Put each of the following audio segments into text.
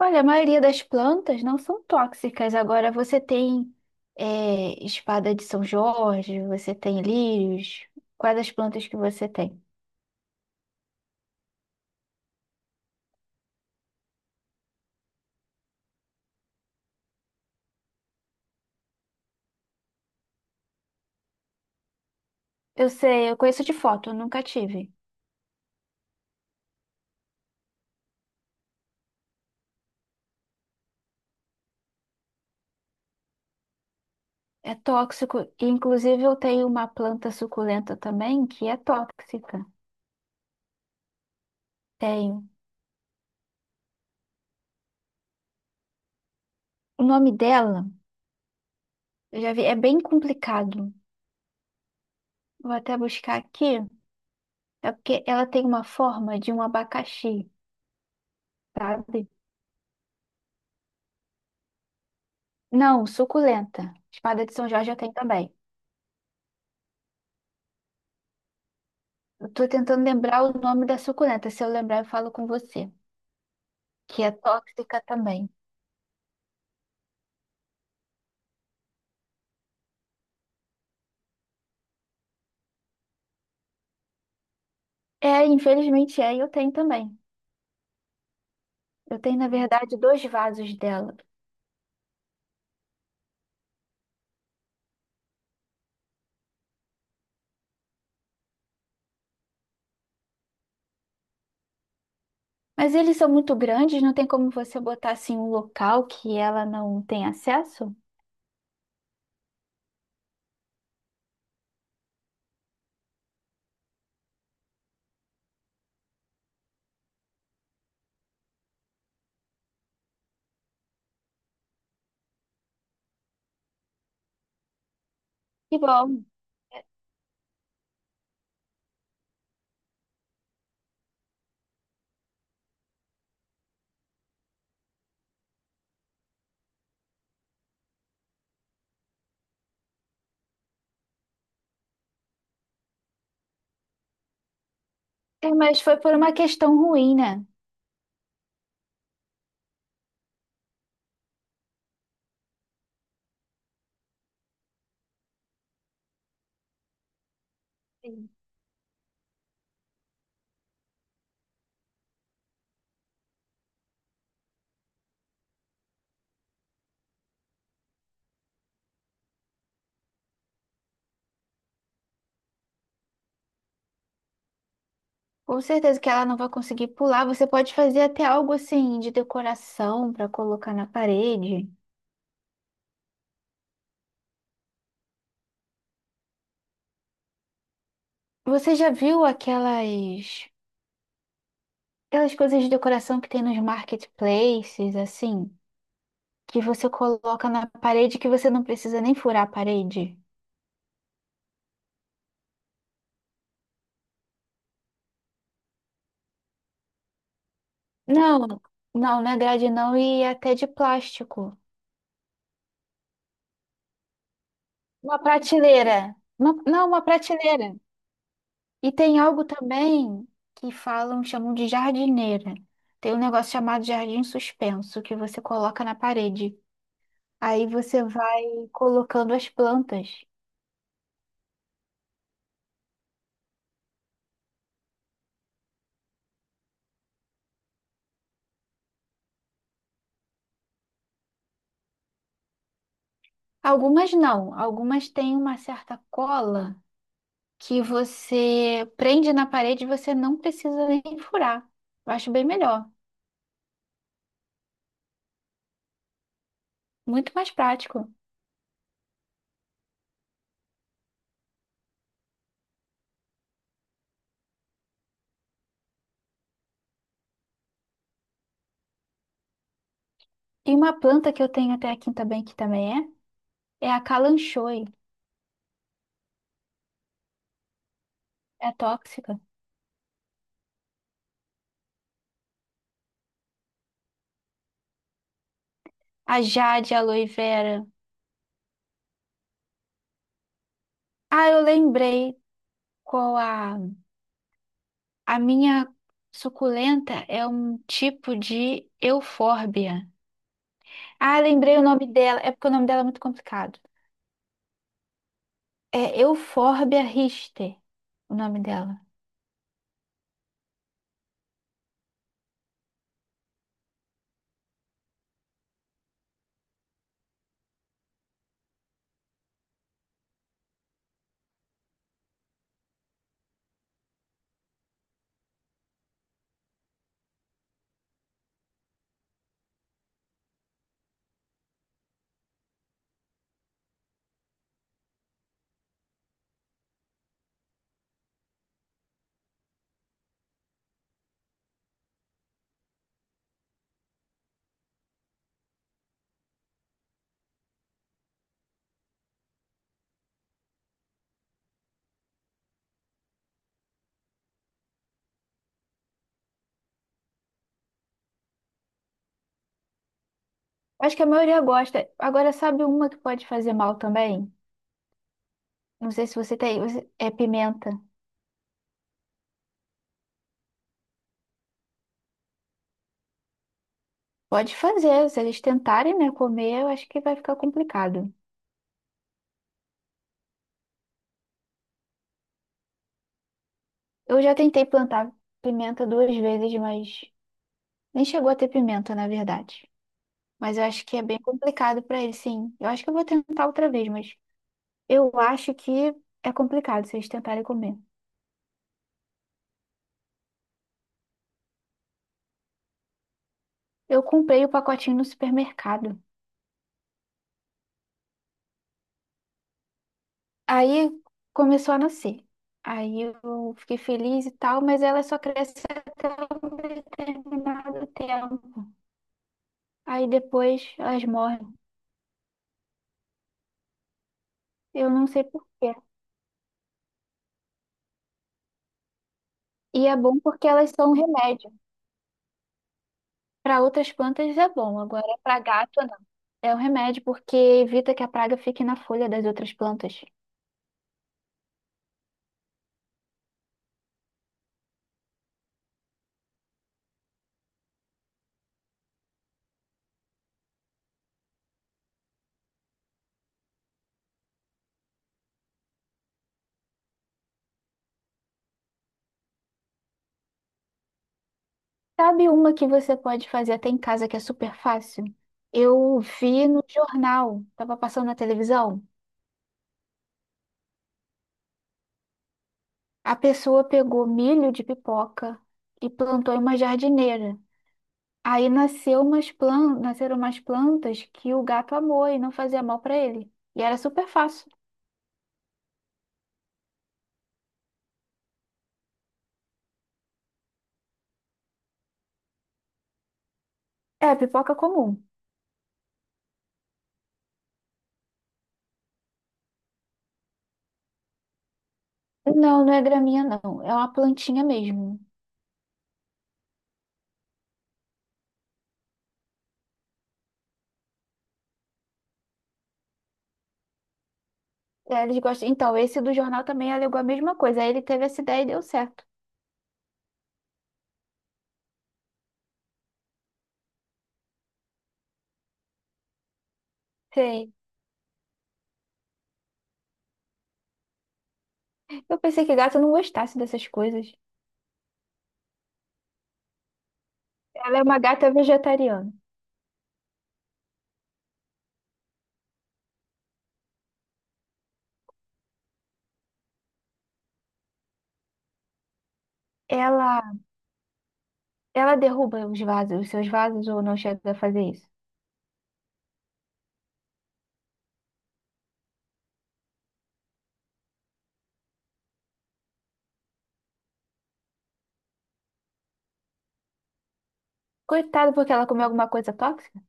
Olha, a maioria das plantas não são tóxicas. Agora você tem espada de São Jorge, você tem lírios. Quais as plantas que você tem? Eu sei, eu conheço de foto, eu nunca tive. É tóxico. Inclusive, eu tenho uma planta suculenta também que é tóxica. Tenho. O nome dela, eu já vi, é bem complicado. Vou até buscar aqui. É porque ela tem uma forma de um abacaxi, sabe? Não, suculenta. Espada de São Jorge eu tenho também. Eu tô tentando lembrar o nome da suculenta. Se eu lembrar, eu falo com você. Que é tóxica também. É, infelizmente é, e eu tenho também. Eu tenho, na verdade, dois vasos dela. Mas eles são muito grandes, não tem como você botar assim um local que ela não tem acesso? Que bom. É, mas foi por uma questão ruim, né? Sim. Com certeza que ela não vai conseguir pular. Você pode fazer até algo assim de decoração para colocar na parede. Você já viu aquelas coisas de decoração que tem nos marketplaces, assim, que você coloca na parede que você não precisa nem furar a parede. Não, não, não é grade não, e é até de plástico. Uma prateleira. Não, uma prateleira. E tem algo também que falam, chamam de jardineira. Tem um negócio chamado jardim suspenso que você coloca na parede. Aí você vai colocando as plantas. Algumas não, algumas têm uma certa cola que você prende na parede e você não precisa nem furar. Eu acho bem melhor, muito mais prático. E uma planta que eu tenho até aqui também, que também é a calanchoe, é tóxica. A jade, a aloe vera. Ah, eu lembrei qual a minha suculenta é um tipo de eufórbia. Ah, lembrei o nome dela, é porque o nome dela é muito complicado. É Euphorbia rister, o nome dela. Acho que a maioria gosta. Agora, sabe uma que pode fazer mal também? Não sei se você tem. É pimenta. Pode fazer. Se eles tentarem, né, comer, eu acho que vai ficar complicado. Eu já tentei plantar pimenta duas vezes, mas nem chegou a ter pimenta, na verdade. Mas eu acho que é bem complicado para eles, sim. Eu acho que eu vou tentar outra vez, mas eu acho que é complicado se eles tentarem comer. Eu comprei o pacotinho no supermercado. Aí começou a nascer. Aí eu fiquei feliz e tal, mas ela só cresce até um determinado tempo. Aí depois elas morrem. Eu não sei por quê. E é bom porque elas são um remédio. Para outras plantas é bom, agora para gato não. É um remédio porque evita que a praga fique na folha das outras plantas. Sabe uma que você pode fazer até em casa que é super fácil? Eu vi no jornal, tava passando na televisão. A pessoa pegou milho de pipoca e plantou em uma jardineira. Aí nasceu nasceram umas plantas que o gato amou e não fazia mal para ele. E era super fácil. É, pipoca comum. Não é graminha, não. É uma plantinha mesmo. É, eles gostam. Então, esse do jornal também alegou a mesma coisa. Aí ele teve essa ideia e deu certo. Sei. Eu pensei que gato não gostasse dessas coisas. Ela é uma gata vegetariana. Ela, ela derruba os vasos, os seus vasos ou não chega a fazer isso? Coitado, porque ela comeu alguma coisa tóxica?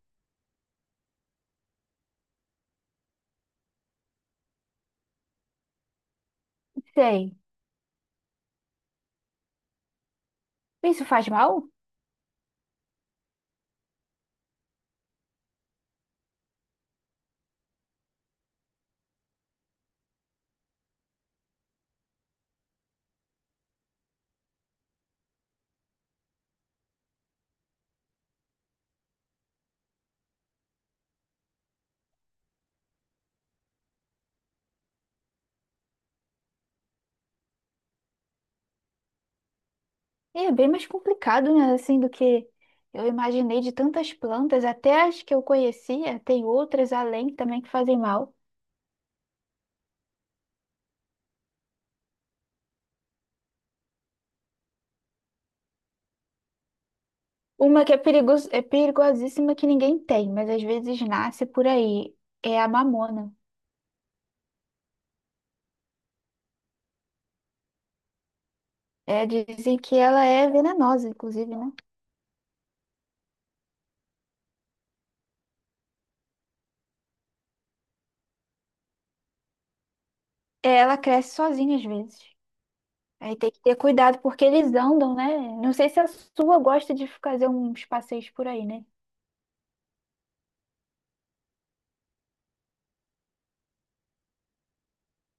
Sei. Isso faz mal? É bem mais complicado, né? Assim, do que eu imaginei, de tantas plantas, até as que eu conhecia, tem outras além também que fazem mal. Uma que é perigoso, é perigosíssima, que ninguém tem, mas às vezes nasce por aí. É a mamona. É, dizem que ela é venenosa, inclusive, né? É, ela cresce sozinha às vezes. Aí tem que ter cuidado porque eles andam, né? Não sei se a sua gosta de fazer uns passeios por aí, né?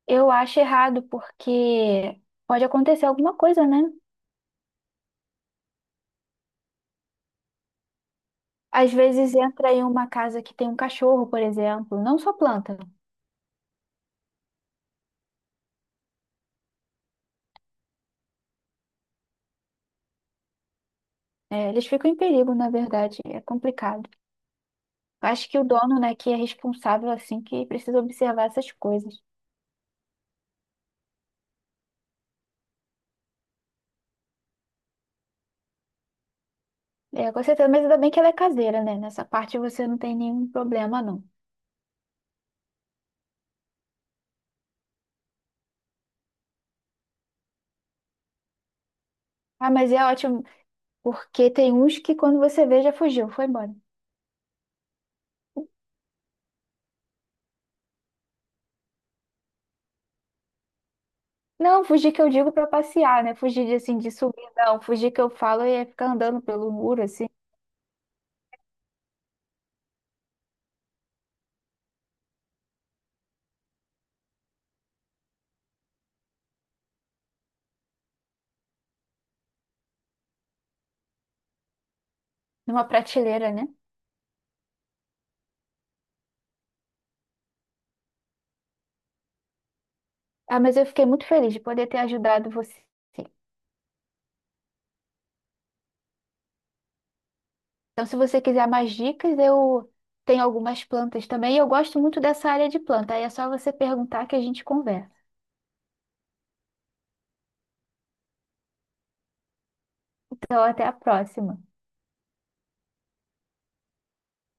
Eu acho errado porque pode acontecer alguma coisa, né? Às vezes entra em uma casa que tem um cachorro, por exemplo, não só planta. É, eles ficam em perigo, na verdade, é complicado. Acho que o dono, né, que é responsável, assim, que precisa observar essas coisas. É, com certeza, mas ainda bem que ela é caseira, né? Nessa parte você não tem nenhum problema, não. Ah, mas é ótimo, porque tem uns que quando você vê já fugiu, foi embora. Não, fugir que eu digo pra passear, né? Fugir de, assim, de subir, não. Fugir que eu falo é ficar andando pelo muro, assim. Numa prateleira, né? Ah, mas eu fiquei muito feliz de poder ter ajudado você. Então, se você quiser mais dicas, eu tenho algumas plantas também. E eu gosto muito dessa área de planta. Aí é só você perguntar que a gente conversa. Então, até a próxima.